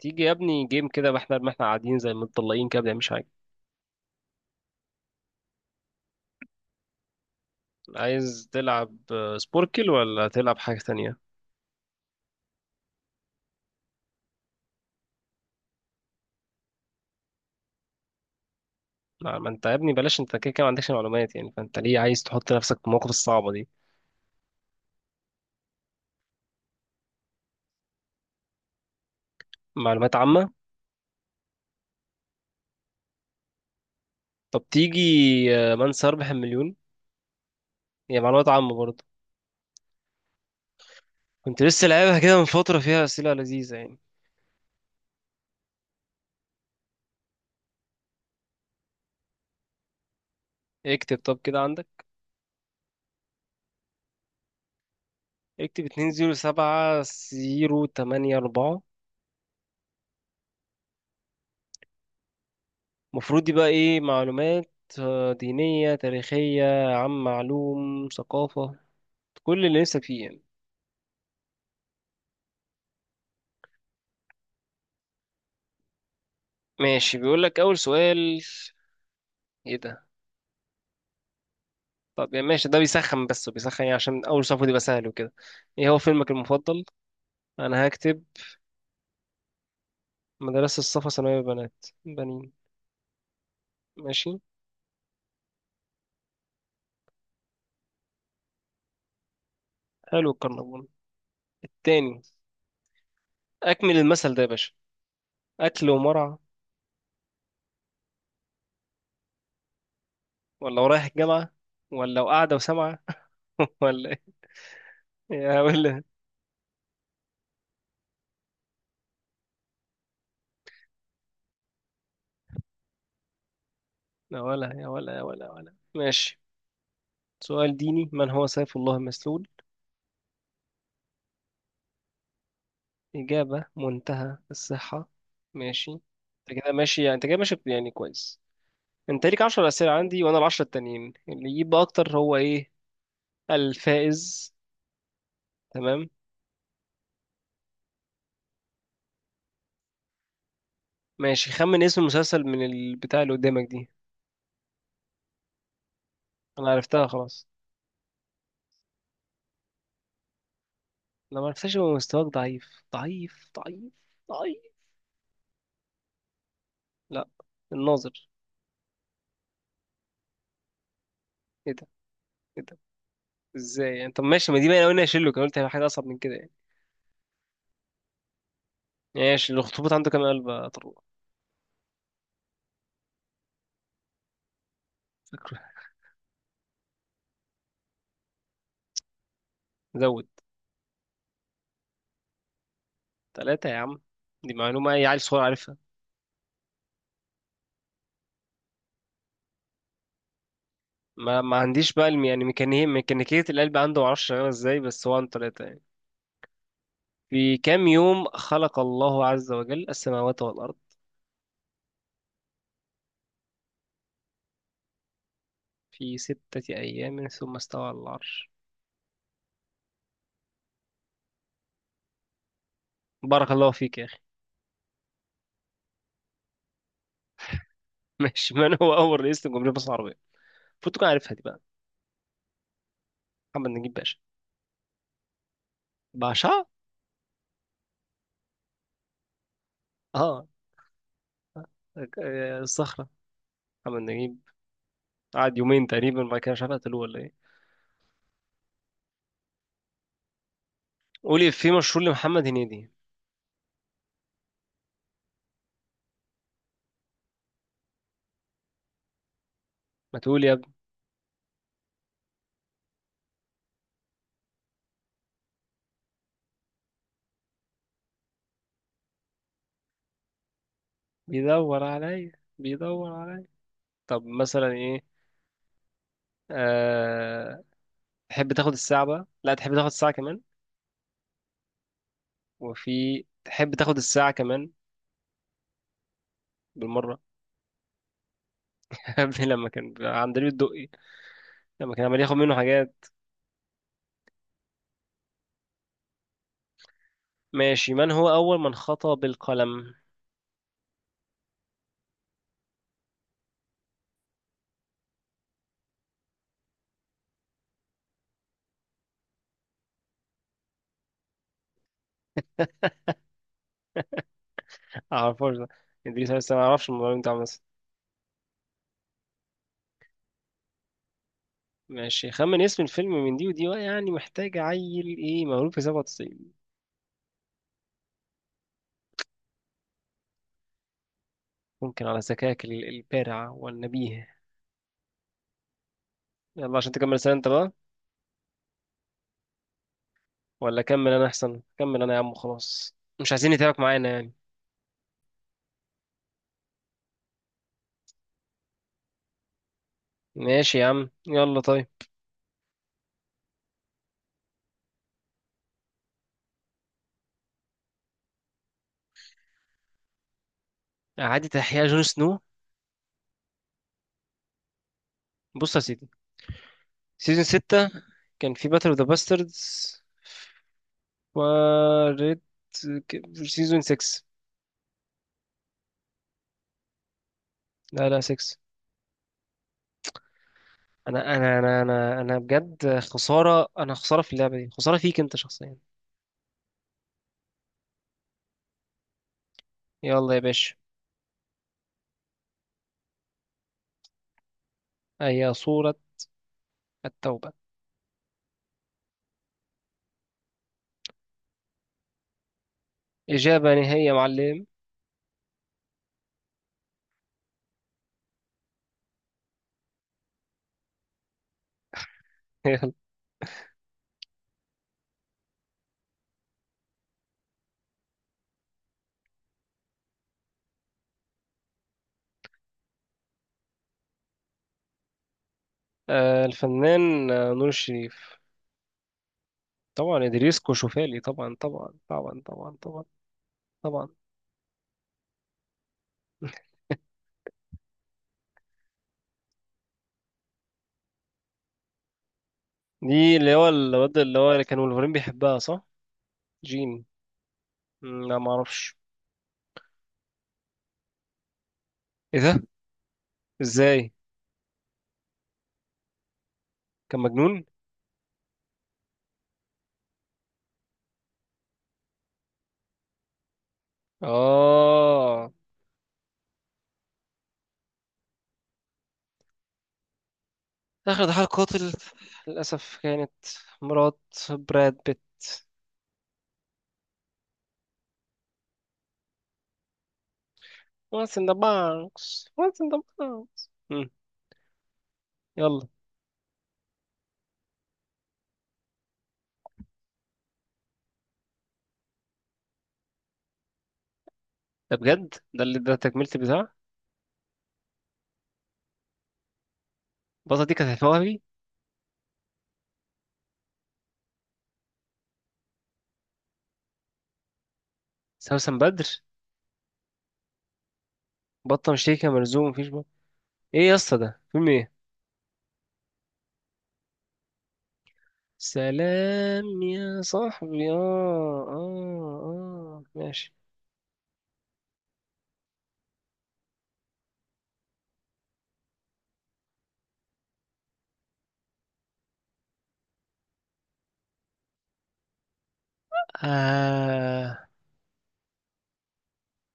تيجي يا ابني جيم كده. ما احنا قاعدين زي متطلقين كده، ما بنعملش حاجه. عايز تلعب سبوركل، ولا تلعب حاجه تانية؟ لا، ما انت يا ابني بلاش، انت كده كده ما عندكش معلومات يعني، فانت ليه عايز تحط نفسك في المواقف الصعبه دي؟ معلومات عامه؟ طب تيجي من سيربح المليون؟ هي معلومات عامه برضه. كنت لسه لعبها كده من فتره، فيها اسئله لذيذه يعني. اكتب، طب كده عندك، اكتب 207084. المفروض دي بقى ايه معلومات؟ دينية، تاريخية عن معلوم، ثقافة، كل اللي نفسك فيه يعني. ماشي، بيقول لك اول سؤال. ايه ده؟ طب يعني ماشي، ده بيسخن، بس بيسخن يعني، عشان اول صفحه دي سهل وكده. ايه هو فيلمك المفضل؟ انا هكتب مدرسه الصفا ثانويه بنات بنين. ماشي. حلو الكرنبون. التاني، اكمل المثل ده يا باشا: اكل ومرعى. ولا ورايح الجامعه، ولا وقاعده وسامعه، ولا إيه؟ يا ولا يا ولا يا ولا يا ولا يا ولا. ماشي، سؤال ديني: من هو سيف الله المسلول؟ إجابة منتهى الصحة. ماشي، أنت كده ماشي يعني، أنت كده ماشي يعني كويس. أنت ليك 10 أسئلة عندي، وأنا ال10 التانيين، اللي يجيب أكتر هو إيه، الفائز. تمام. ماشي، خمن اسم المسلسل من البتاع اللي قدامك دي. أنا عرفتها خلاص، لو ما عرفتهاش يبقى مستواك ضعيف ضعيف ضعيف. ضعيف. لا، الناظر. إيه ده؟ إيه ده؟ إزاي يعني؟ طب ماشي، ما دي بقى أنا قلنا أشيله، كان قلت هيبقى حاجة أصعب من كده يعني. ماشي، الأخطبوط عنده كام قلب يا طروق؟ فاكره. زود. ثلاثة يا عم، دي معلومة أي عيل صغير عارفها. ما عنديش بقى يعني ميكانيكية القلب عنده معرفش شغالة ازاي، بس هو عنده 3 يعني. في كام يوم خلق الله عز وجل السماوات والأرض؟ في 6 أيام ثم استوى على العرش. بارك الله فيك يا أخي. ماشي، من هو أول رئيس لجمهورية مصر العربية؟ المفروض تكون عارفها دي بقى. محمد نجيب باشا. باشا. اه. الصخرة. محمد نجيب قعد 2 يوم تقريبا، بعد كده مش عارف قتلوه ولا ايه. قولي في مشهور لمحمد هنيدي. ما تقول يا ابني. بيدور عليا. بيدور عليا. طب مثلا ايه؟ أه... تحب تاخد الساعة بقى؟ لا، تحب تاخد الساعة كمان، وفي تحب تاخد الساعة كمان بالمرة. قبل لما كان عند لي الدقي، لما كان عمال ياخد منه حاجات. ماشي، من هو أول من خطأ بالقلم؟ معرفوش ده؟ ادريس لسه ما اعرفش الموضوع اللي انت عامله. ماشي، خمن اسم الفيلم من دي ودي بقى، يعني محتاج عيل ايه مولود في 97. ممكن، على ذكائك البارع والنبيه. يلا عشان تكمل سنة انت بقى، ولا كمل انا احسن. كمل انا يا عم، خلاص مش عايزين نتابعك معانا يعني. ماشي يا عم، يلا طيب. إعادة إحياء جون سنو. بص يا سيدي، سيزون ستة، كان في باتل اوف ذا باستردز و ريد. سيزون 6. لا لا، 6. أنا بجد خسارة، أنا خسارة في اللعبة دي، خسارة فيك أنت شخصيا. يلا يا باشا. هي صورة التوبة. إجابة نهائية يا معلم. يلا. الفنان نور الشريف. طبعا إدريس كوشوفالي، طبعا طبعا طبعا طبعا طبعا. طبعا. دي اللي هو الواد اللي هو اللي كان ولفرين بيحبها صح. جين. لا ما اعرفش. ايه ده؟ ازاي؟ كان مجنون. اه. اخر ضحايا القاتل للاسف كانت مرات براد بيت. واتس ان ذا بانكس، واتس ان ذا بانكس. يلا. ده بجد ده اللي ده تكملة البتاع. البطة دي كانت هتوهبي. سوسن بدر. بطة مشتركة ملزوم مفيش بقى. ايه يا اسطى ده فيلم ايه؟ سلام يا صاحبي، اه اه اه، ماشي. آه.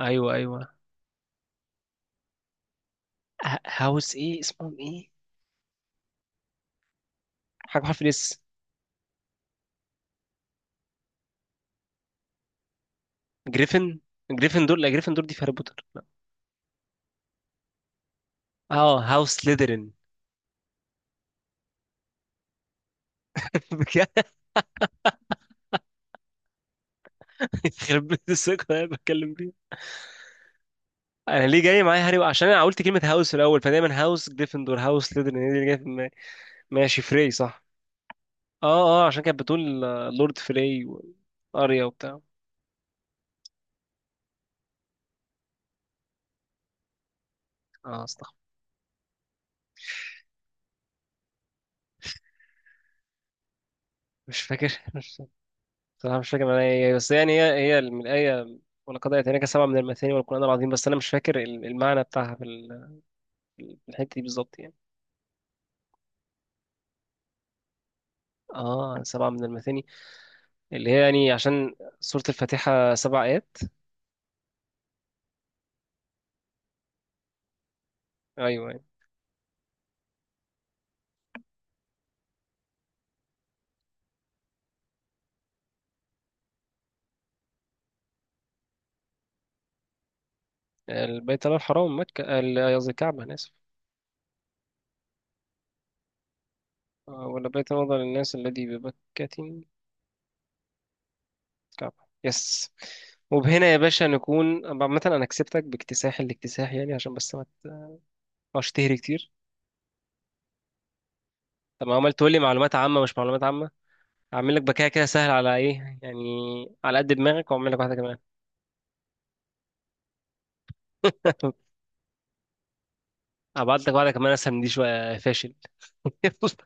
ايوه ايوه. هاوس ايه اسمهم ايه؟ حاجه بحرف الاس. جريفن. جريفن دول؟ لا جريفن دول دي في هاري بوتر لا. اه، هاوس سليدرين. بجد؟ يخرب بيت الثقه اللي انا بتكلم فيها. انا ليه جاي معايا هاري؟ عشان انا قلت كلمه هاوس الاول، فدايما هاوس جريفن دور، هاوس سليدرين، هي دي اللي جايه في دماغي. ماشي فري صح. اه. اه عشان كانت بتقول لورد فري واريا وبتاع. اه استغفر. مش فاكر. صراحة مش فاكر انا، هي بس يعني هي من الآية: ولقد آتيناك 7 من المثاني والقرآن العظيم. بس أنا مش فاكر المعنى بتاعها في في الحتة دي بالظبط يعني. اه، سبعة من المثاني اللي هي يعني، عشان سورة الفاتحة 7 آيات. أيوه يعني. البيت الله الحرام، مكة، قصدي الكعبة، أنا آسف. ولا بيت وضع للناس الذي ببكة. كعبة. يس. وبهنا يا باشا نكون عامة، أنا كسبتك باكتساح الاكتساح يعني، عشان بس ما تبقاش تهري كتير. طب ما عمال تقول لي معلومات عامة، مش معلومات عامة؟ هعمل لك بكايه كده سهل على ايه يعني، على قد دماغك، واعمل لك واحده كمان. هبعت لك واحده كمان اسهل من دي شويه، فاشل. بص.